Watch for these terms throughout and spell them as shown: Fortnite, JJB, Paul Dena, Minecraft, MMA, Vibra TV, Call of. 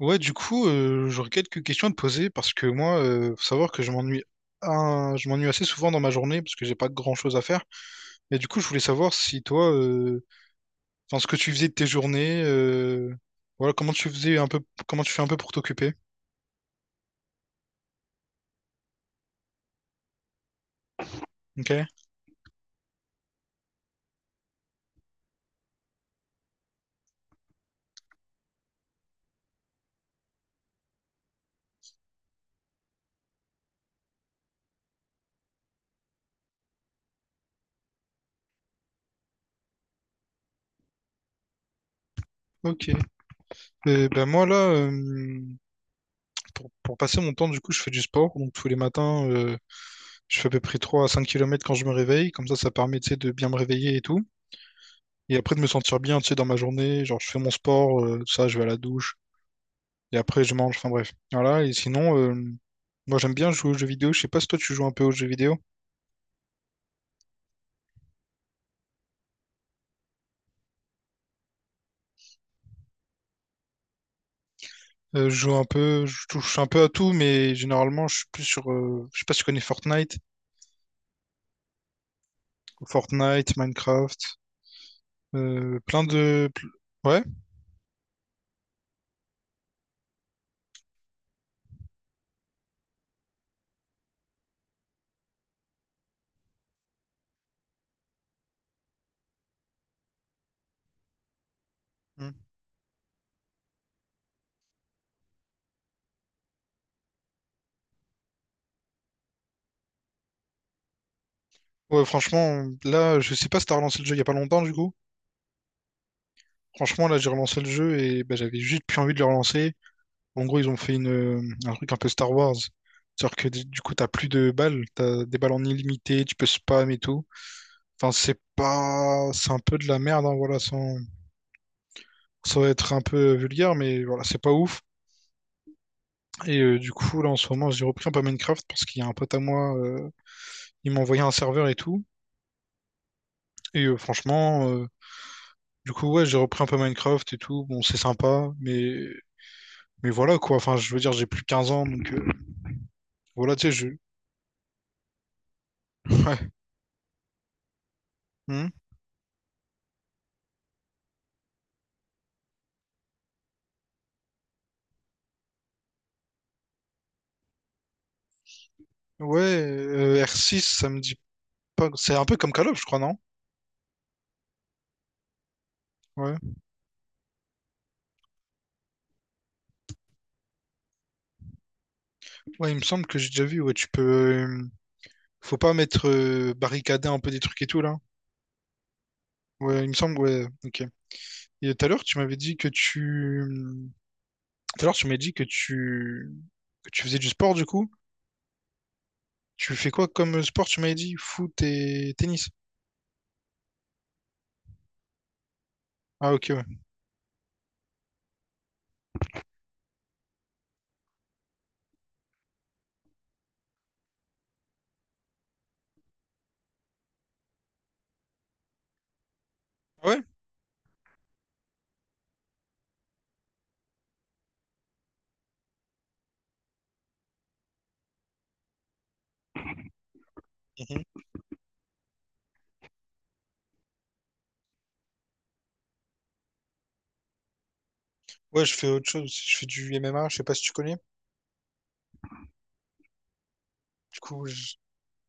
Ouais, du coup, j'aurais quelques questions à te poser parce que moi, faut savoir que je m'ennuie assez souvent dans ma journée parce que j'ai pas grand-chose à faire. Et du coup, je voulais savoir si toi, enfin, ce que tu faisais de tes journées, voilà, comment tu fais un peu pour t'occuper. Ok. Ok. Ben moi là, pour passer mon temps, du coup, je fais du sport. Donc tous les matins, je fais à peu près 3 à 5 kilomètres quand je me réveille. Comme ça permet, tu sais, de bien me réveiller et tout. Et après de me sentir bien, tu sais, dans ma journée. Genre, je fais mon sport, tout ça, je vais à la douche. Et après, je mange. Enfin bref. Voilà. Et sinon, moi, j'aime bien jouer aux jeux vidéo. Je sais pas si toi, tu joues un peu aux jeux vidéo. Je joue un peu, je touche un peu à tout, mais généralement, je suis plus sur. Je sais pas si tu connais Fortnite. Fortnite, Minecraft. Plein de. Ouais. Mm. Ouais, franchement, là, je sais pas si t'as relancé le jeu il y a pas longtemps, du coup. Franchement, là, j'ai relancé le jeu et bah, j'avais juste plus envie de le relancer. En gros, ils ont fait un truc un peu Star Wars. C'est-à-dire que du coup, t'as plus de balles, t'as des balles en illimité, tu peux spam et tout. Enfin, c'est pas. C'est un peu de la merde, hein, voilà, sans être un peu vulgaire, mais voilà, c'est pas ouf. Et du coup, là, en ce moment, j'ai repris un peu Minecraft parce qu'il y a un pote à moi, il m'a envoyé un serveur et tout. Et franchement. Du coup, ouais, j'ai repris un peu Minecraft et tout. Bon, c'est sympa, mais voilà quoi, enfin je veux dire, j'ai plus 15 ans, donc voilà, tu sais, je. Ouais. Hmm. Ouais R6 ça me dit pas. C'est un peu comme Call of, je crois, non? Ouais. Ouais, il me semble que j'ai déjà vu, ouais, tu peux. Faut pas mettre barricadé un peu des trucs et tout là. Ouais, il me semble, ouais, ok. Et tout à l'heure, tu m'avais dit que tu. Tout à l'heure, tu m'as dit Que tu faisais du sport du coup. Tu fais quoi comme sport, tu m'avais dit? Foot et tennis. Ah, ok, ouais. Ah ouais? Mhm. Ouais, je fais autre chose aussi. Je fais du M M MMA, je sais pas si tu connais. Du coup, je-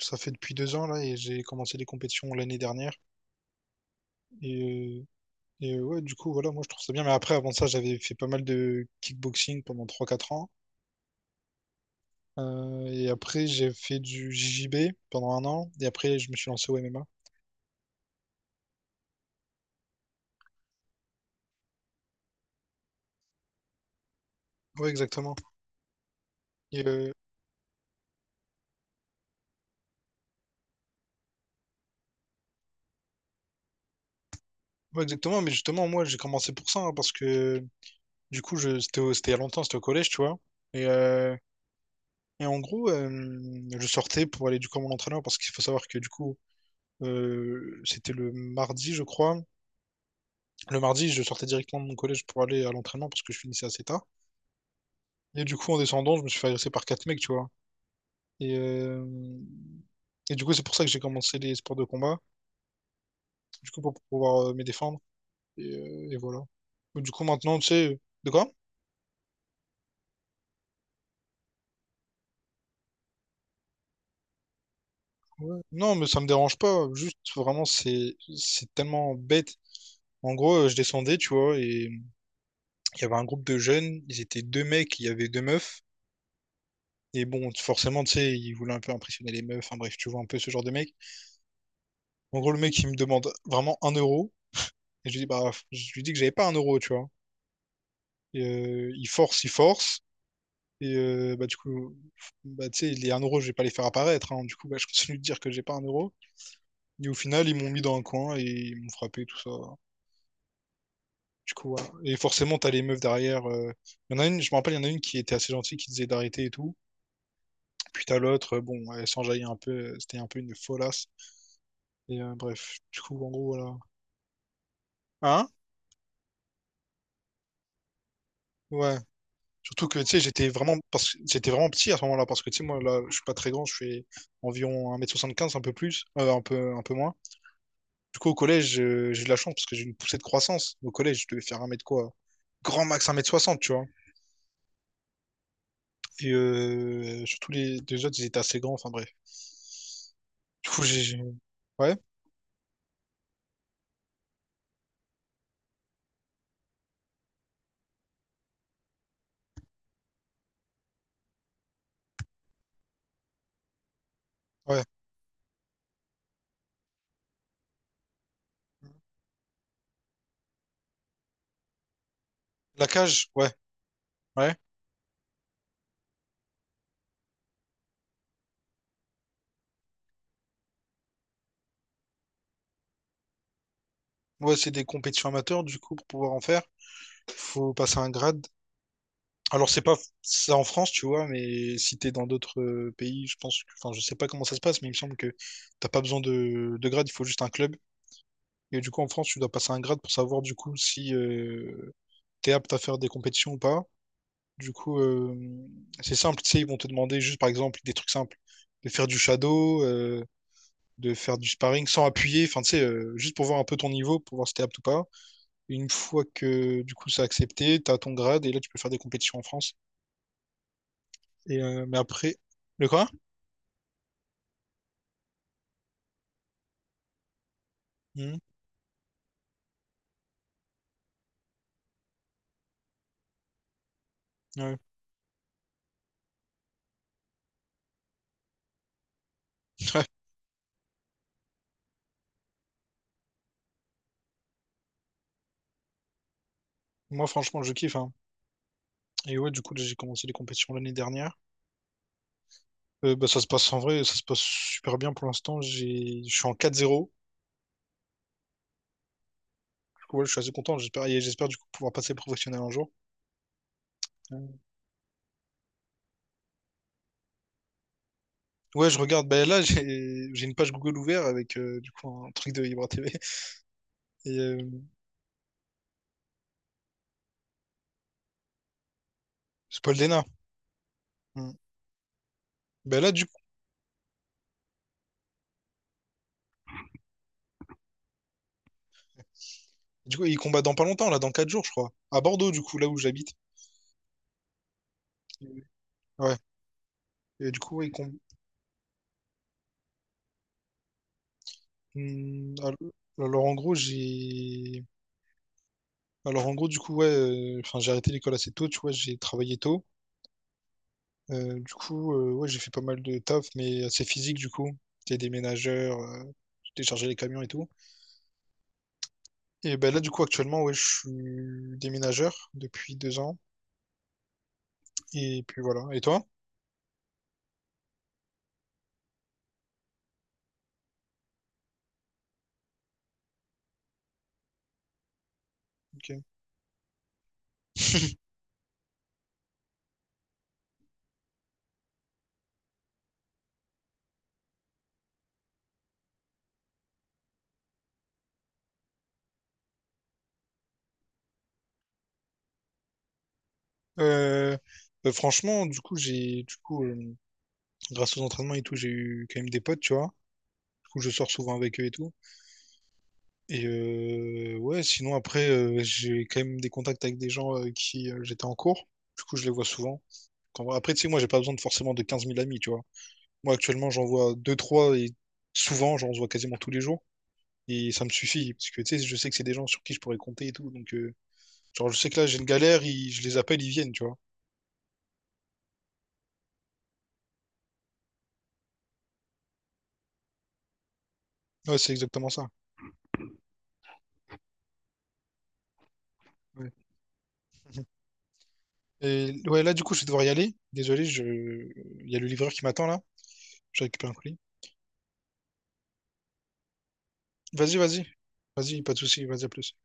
Ça fait depuis 2 ans là et j'ai commencé les compétitions l'année dernière. Et, euh, et, ouais, du coup, voilà, moi je trouve ça bien. Mais après, avant ça, j'avais fait pas mal de kickboxing pendant trois quatre ans. Et après, j'ai fait du JJB pendant un an. Et après, je me suis lancé au MMA. Ouais, exactement. Et, ouais, exactement. Mais justement, moi j'ai commencé pour ça hein, parce que du coup, c'était il y a longtemps, c'était au collège, tu vois. Et, euh, et en gros, je sortais pour aller du coup à mon entraîneur parce qu'il faut savoir que du coup, c'était le mardi, je crois. Le mardi, je sortais directement de mon collège pour aller à l'entraînement parce que je finissais assez tard. Et du coup, en descendant, je me suis fait agresser par quatre mecs, tu vois. Et, euh, et du coup, c'est pour ça que j'ai commencé les sports de combat. Du coup, pour pouvoir me défendre. Et voilà. Du coup, maintenant, tu sais, de quoi? Ouais. Non, mais ça me dérange pas. Juste, vraiment, c'est tellement bête. En gros, je descendais, tu vois, et il y avait un groupe de jeunes. Ils étaient deux mecs, il y avait deux meufs. Et bon, forcément, tu sais, ils voulaient un peu impressionner les meufs. Enfin bref, tu vois, un peu ce genre de mec. En gros, le mec, il me demande vraiment 1 euro. Et je lui dis, bah, je lui dis que j'avais pas 1 euro, tu vois. Et, il force, il force. Et bah, du coup, bah, tu sais, les 1 euro, je vais pas les faire apparaître, hein. Du coup, bah, je continue de dire que j'ai pas 1 euro. Et au final, ils m'ont mis dans un coin et ils m'ont frappé, tout ça. Du coup, voilà. Et forcément, t'as les meufs derrière. Il y en a une, je me rappelle, il y en a une qui était assez gentille, qui disait d'arrêter et tout. Puis t'as l'autre, bon, elle s'enjaillait un peu. C'était un peu une folasse. Et bref, du coup, en gros, voilà. Hein? Ouais. Surtout que, tu sais, j'étais vraiment petit à ce moment-là, parce que, tu sais, moi, là, je suis pas très grand, je fais environ 1,75 m un peu plus, un peu moins. Du coup, au collège, j'ai eu de la chance parce que j'ai eu une poussée de croissance. Au collège, je devais faire un mètre quoi? Grand max 1,60 m tu vois. Et surtout les deux autres, ils étaient assez grands, enfin bref. Du coup, Ouais, ouais. La cage, ouais, ouais. Ouais, c'est des compétitions amateurs, du coup, pour pouvoir en faire, faut passer un grade. Alors, c'est pas ça en France, tu vois, mais si t'es dans d'autres pays, je pense, enfin, je sais pas comment ça se passe, mais il me semble que t'as pas besoin de grade, il faut juste un club. Et du coup, en France, tu dois passer un grade pour savoir, du coup, si t'es apte à faire des compétitions ou pas. Du coup, c'est simple, tu sais, ils vont te demander juste, par exemple, des trucs simples, de faire du shadow, de faire du sparring sans appuyer, enfin, tu sais, juste pour voir un peu ton niveau, pour voir si t'es apte ou pas. Une fois que, du coup, c'est accepté, t'as ton grade, et là, tu peux faire des compétitions en France. Mais après, le quoi. Mhm. Ouais. Ouais. Moi, franchement, je kiffe, hein. Et ouais, du coup, là, j'ai commencé les compétitions l'année dernière. Bah, ça se passe en vrai, ça se passe super bien pour l'instant. J'ai... Je suis en 4-0. Du coup, ouais, je suis assez content. J'espère du coup pouvoir passer professionnel un jour. Euh, Ouais, je regarde. Bah, là, j'ai une page Google ouverte avec du coup un truc de Vibra TV. Et c'est Paul Dena. Mhm. Bah, là, du coup, il combat dans pas longtemps, là, dans 4 jours, je crois. À Bordeaux, du coup, là où j'habite. Ouais. Et du coup, ouais, il combat. Alors, en gros, j'ai. Alors en gros du coup ouais, enfin j'ai arrêté l'école assez tôt, tu vois, j'ai travaillé tôt. Du coup ouais j'ai fait pas mal de taf mais assez physique du coup. J'étais déménageur, j'ai déchargé les camions et tout. Et ben là du coup actuellement ouais je suis déménageur depuis 2 ans et puis voilà. Et toi? Ok. Euh, Bah, franchement du coup grâce aux entraînements et tout j'ai eu quand même des potes tu vois. Du coup je sors souvent avec eux et tout. Et ouais, sinon après, j'ai quand même des contacts avec des gens qui j'étais en cours. Du coup, je les vois souvent. Après, tu sais, moi, j'ai pas besoin de forcément de 15 000 amis, tu vois. Moi, actuellement, j'en vois deux trois et souvent, j'en vois quasiment tous les jours. Et ça me suffit, parce que tu sais, je sais que c'est des gens sur qui je pourrais compter et tout. Donc, genre, je sais que là, j'ai une galère, je les appelle, ils viennent, tu vois. Ouais, c'est exactement ça. Ouais. Et ouais, là, du coup, je vais devoir y aller. Désolé, je... il y a le livreur qui m'attend là. Je récupère un colis. Vas-y, vas-y. Vas-y, pas de souci, vas-y, à plus.